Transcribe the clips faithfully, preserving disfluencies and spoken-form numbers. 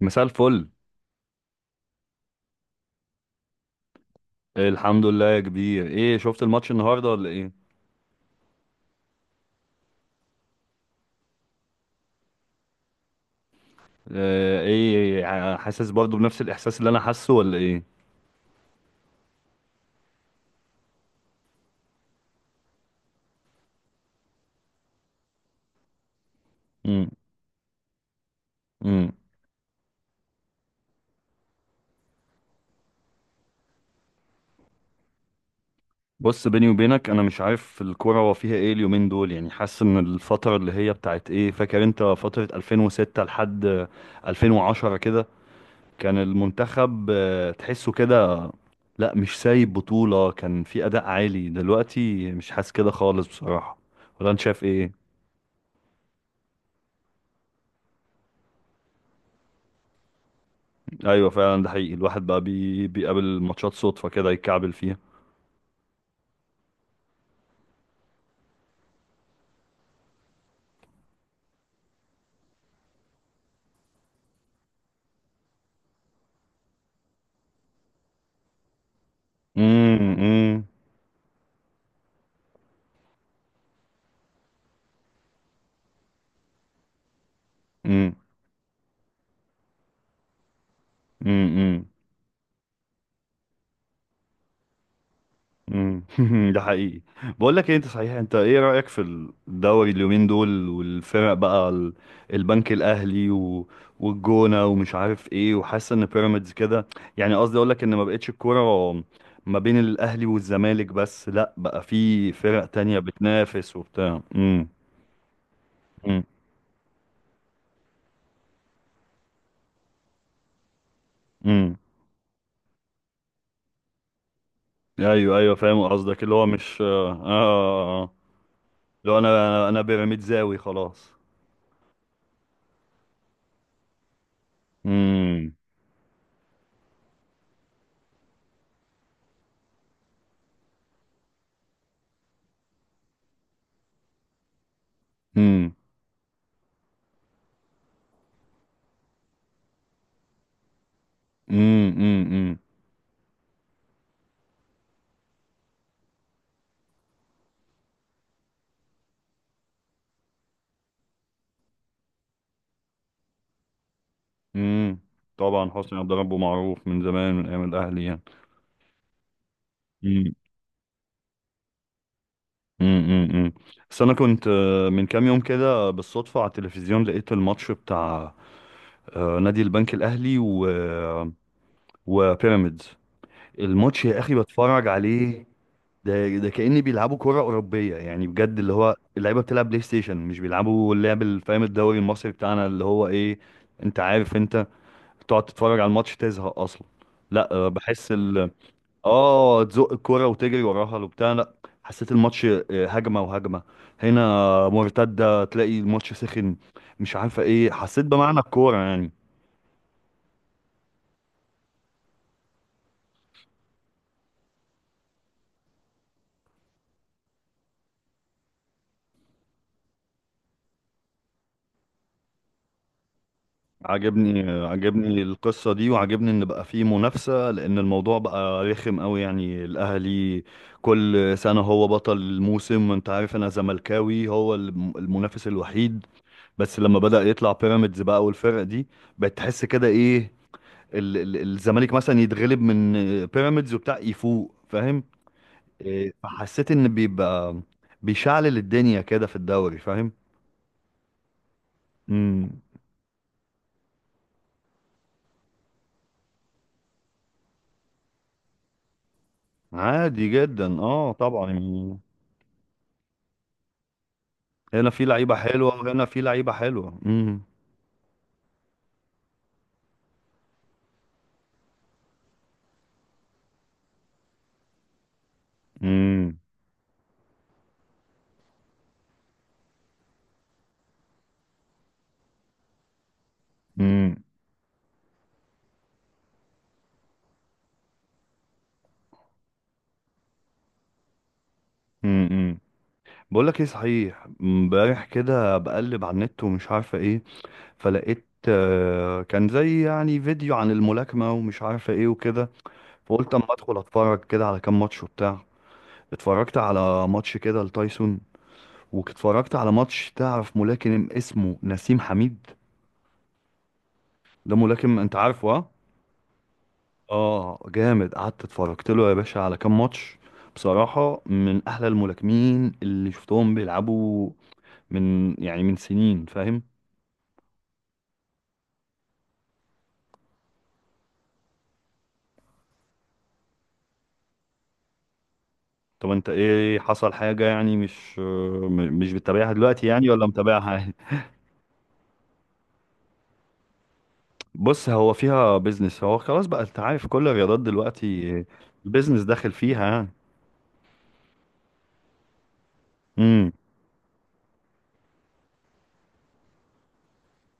مساء الفل. الحمد لله يا كبير، ايه شفت الماتش النهارده ولا ايه؟ آه، ايه ع- حاسس برضو بنفس الاحساس اللي انا حاسه ولا ايه؟ امم امم بص بيني وبينك، انا مش عارف الكوره هو فيها ايه اليومين دول، يعني حاسس ان الفتره اللي هي بتاعت ايه، فاكر انت فتره ألفين وستة لحد ألفين وعشرة كده كان المنتخب، آه، تحسه كده؟ لا مش سايب بطوله، كان في اداء عالي، دلوقتي مش حاسس كده خالص بصراحه. ولا انت شايف ايه؟ ايوه فعلا، ده حقيقي، الواحد بقى بي... بيقابل ماتشات صدفة كده يتكعبل فيها. امم امم امم امم ده حقيقي. بقول لك ايه، انت صحيح، انت ايه رأيك في الدوري اليومين دول والفرق بقى ال- البنك الاهلي و... والجونة ومش عارف ايه، وحاسس ان بيراميدز كده، يعني قصدي اقول لك ان ما بقتش الكورة ما بين الاهلي والزمالك بس، لا بقى في فرق تانية بتنافس وبتاع. امم امم امم. ايوه ايوه، فاهم قصدك، اللي هو مش اه اه اه لو انا انا انا بيراميد زاوي خلاص. امم امم امم امم امم طبعا حسني عبد ربه معروف من زمان من ايام الاهلي يعني. امم امم امم بس انا كنت، آه، من كام يوم كده بالصدفه على التلفزيون لقيت الماتش بتاع آه، نادي البنك الاهلي و آه، وبيراميدز. الماتش يا اخي بتفرج عليه، ده ده كأني بيلعبوا كرة أوروبية يعني، بجد اللي هو اللعيبة بتلعب بلاي ستيشن، مش بيلعبوا اللعب اللي فاهم الدوري المصري بتاعنا اللي هو إيه. أنت عارف، أنت تقعد تتفرج على الماتش تزهق أصلا. لا، آه، بحس ال آه، تزق الكرة وتجري وراها وبتاع، لا، حسيت الماتش، آه، هجمة وهجمة هنا مرتدة، تلاقي الماتش سخن مش عارفة إيه، حسيت بمعنى الكورة يعني. عجبني، عجبني القصة دي، وعجبني ان بقى فيه منافسة، لان الموضوع بقى رخم قوي، يعني الاهلي كل سنة هو بطل الموسم، وانت عارف انا زملكاوي، هو الم- المنافس الوحيد. بس لما بدأ يطلع بيراميدز بقى والفرق دي، بقت تحس كده ايه، ال- ال- الزمالك مثلا يتغلب من بيراميدز وبتاع، يفوق فاهم؟ إيه، فحسيت ان بيبقى بيشعلل الدنيا كده في الدوري فاهم. امم. عادي جدا اه طبعا يعني، هنا في لعيبة حلوة وهنا في لعيبة حلوة. امم امم امم امم بقول لك ايه صحيح، امبارح كده بقلب على النت ومش عارفة ايه، فلقيت آه، كان زي يعني فيديو عن الملاكمة ومش عارفة ايه وكده، فقلت اما ادخل اتفرج كده على كام ماتش وبتاع، اتفرجت على ماتش كده لتايسون، واتفرجت على ماتش، تعرف ملاكم اسمه نسيم حميد؟ ده ملاكم انت عارفه، ها؟ اه جامد، قعدت اتفرجت له يا باشا على كام ماتش، بصراحة من أحلى الملاكمين اللي شفتهم بيلعبوا، من يعني من سنين فاهم. طب انت ايه، حصل حاجة يعني مش م- مش بتتابعها دلوقتي يعني ولا متابعها عادي؟ بص هو فيها بيزنس، هو خلاص بقى انت عارف كل الرياضات دلوقتي البيزنس داخل فيها يعني. امم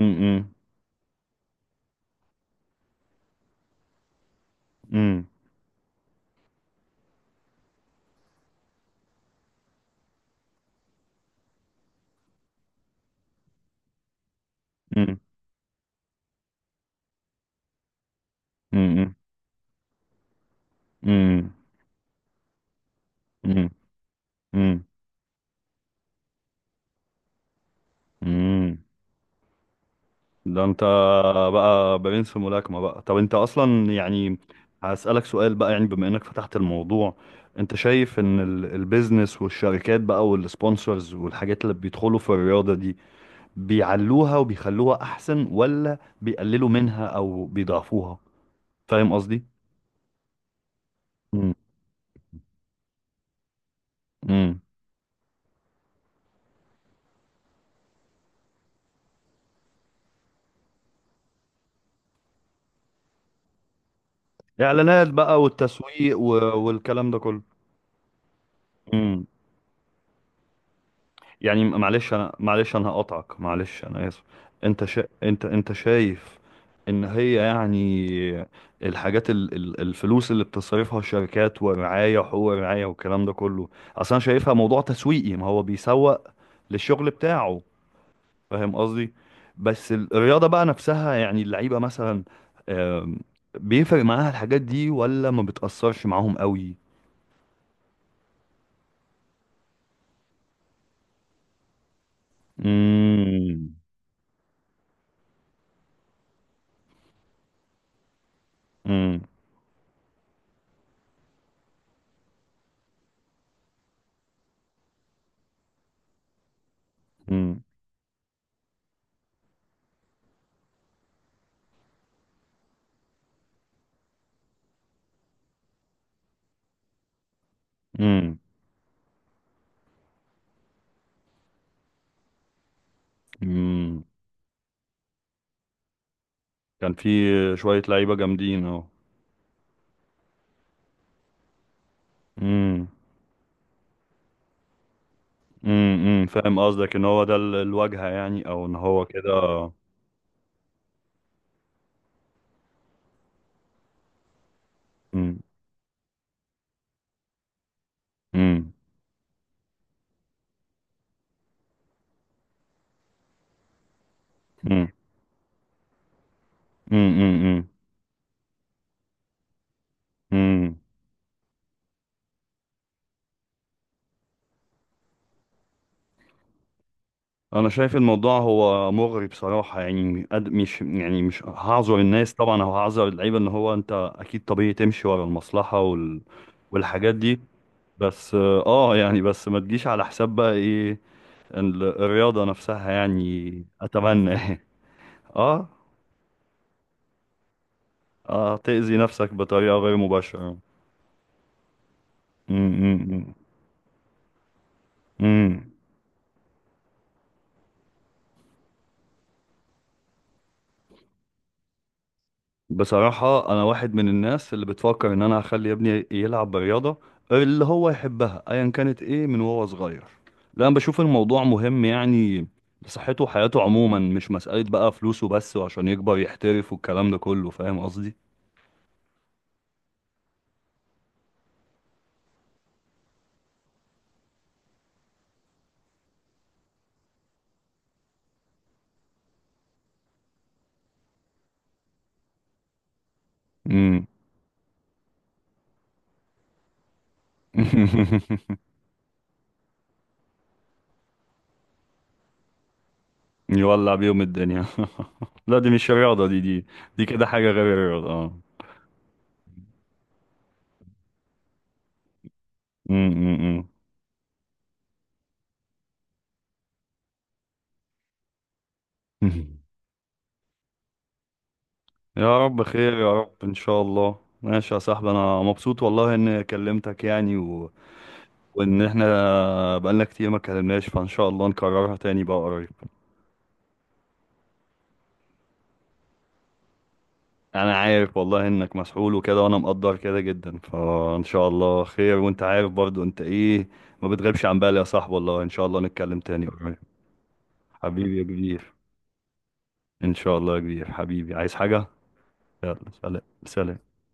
امم امم امم امم امم امم امم ده انت بقى برنس في ملاكمة بقى. طب انت اصلا يعني، هسألك سؤال بقى يعني بما انك فتحت الموضوع، انت شايف ان ال- البيزنس والشركات بقى والسبونسرز والحاجات اللي بيدخلوا في الرياضة دي، بيعلوها وبيخلوها احسن، ولا بيقللوا منها او بيضعفوها؟ فاهم قصدي؟ امم امم اعلانات بقى والتسويق و- والكلام ده كله. يعني معلش انا، معلش انا هقطعك، معلش انا اسف. انت شا... انت انت شايف ان هي يعني الحاجات ال... ال- الفلوس اللي بتصرفها الشركات ورعاية وحقوق رعاية والكلام ده كله، اصلا انا شايفها موضوع تسويقي، ما هو بيسوق للشغل بتاعه، فاهم قصدي؟ بس الرياضة بقى نفسها يعني، اللعيبة مثلا، آم، بيفرق معاها الحاجات دي ولا ما بتأثرش معاهم قوي؟ امم امم امم كان في شوية لعيبة جامدين اه. امم امم أمم، فاهم قصدك ان هو ده ال- الواجهة يعني، او ان هو كده آه. امم امم امم امم امم أمم. انا شايف الموضوع هو مغري بصراحة يعني، قد- مش يعني مش هعذر الناس طبعا او هعذر اللعيبة، ان هو انت اكيد طبيعي تمشي ورا المصلحة وال... والحاجات دي، بس اه آه، يعني بس ما تجيش على حساب بقى ايه، ال- الرياضة نفسها يعني، اتمنى اه اه تأذي نفسك بطريقة غير مباشرة. امم امم بصراحة أنا واحد من الناس اللي بتفكر إن أنا أخلي ابني يلعب برياضة اللي هو يحبها أيا كانت إيه من وهو صغير، لأن بشوف الموضوع مهم يعني لصحته وحياته عموما، مش مسألة بقى فلوسه بس وعشان يكبر يحترف والكلام ده كله، فاهم قصدي؟ امم. يولع بيهم الدنيا. لا دي مش رياضة، دي دي دي كده حاجة غير الرياضة اه. امم. يا رب خير، يا رب ان شاء الله. ماشي يا صاحبي، انا مبسوط والله اني كلمتك يعني، و... وان احنا بقالنا كتير ما اتكلمناش، فان شاء الله نكررها تاني بقى قريب. انا عارف والله انك مسحول وكده، وانا مقدر كده جدا، فان شاء الله خير، وانت عارف برضو انت ايه، ما بتغيبش عن بالي يا صاحبي والله، ان شاء الله نتكلم تاني قريب. حبيبي يا كبير، ان شاء الله يا كبير حبيبي، عايز حاجة؟ يلا سلام سلام.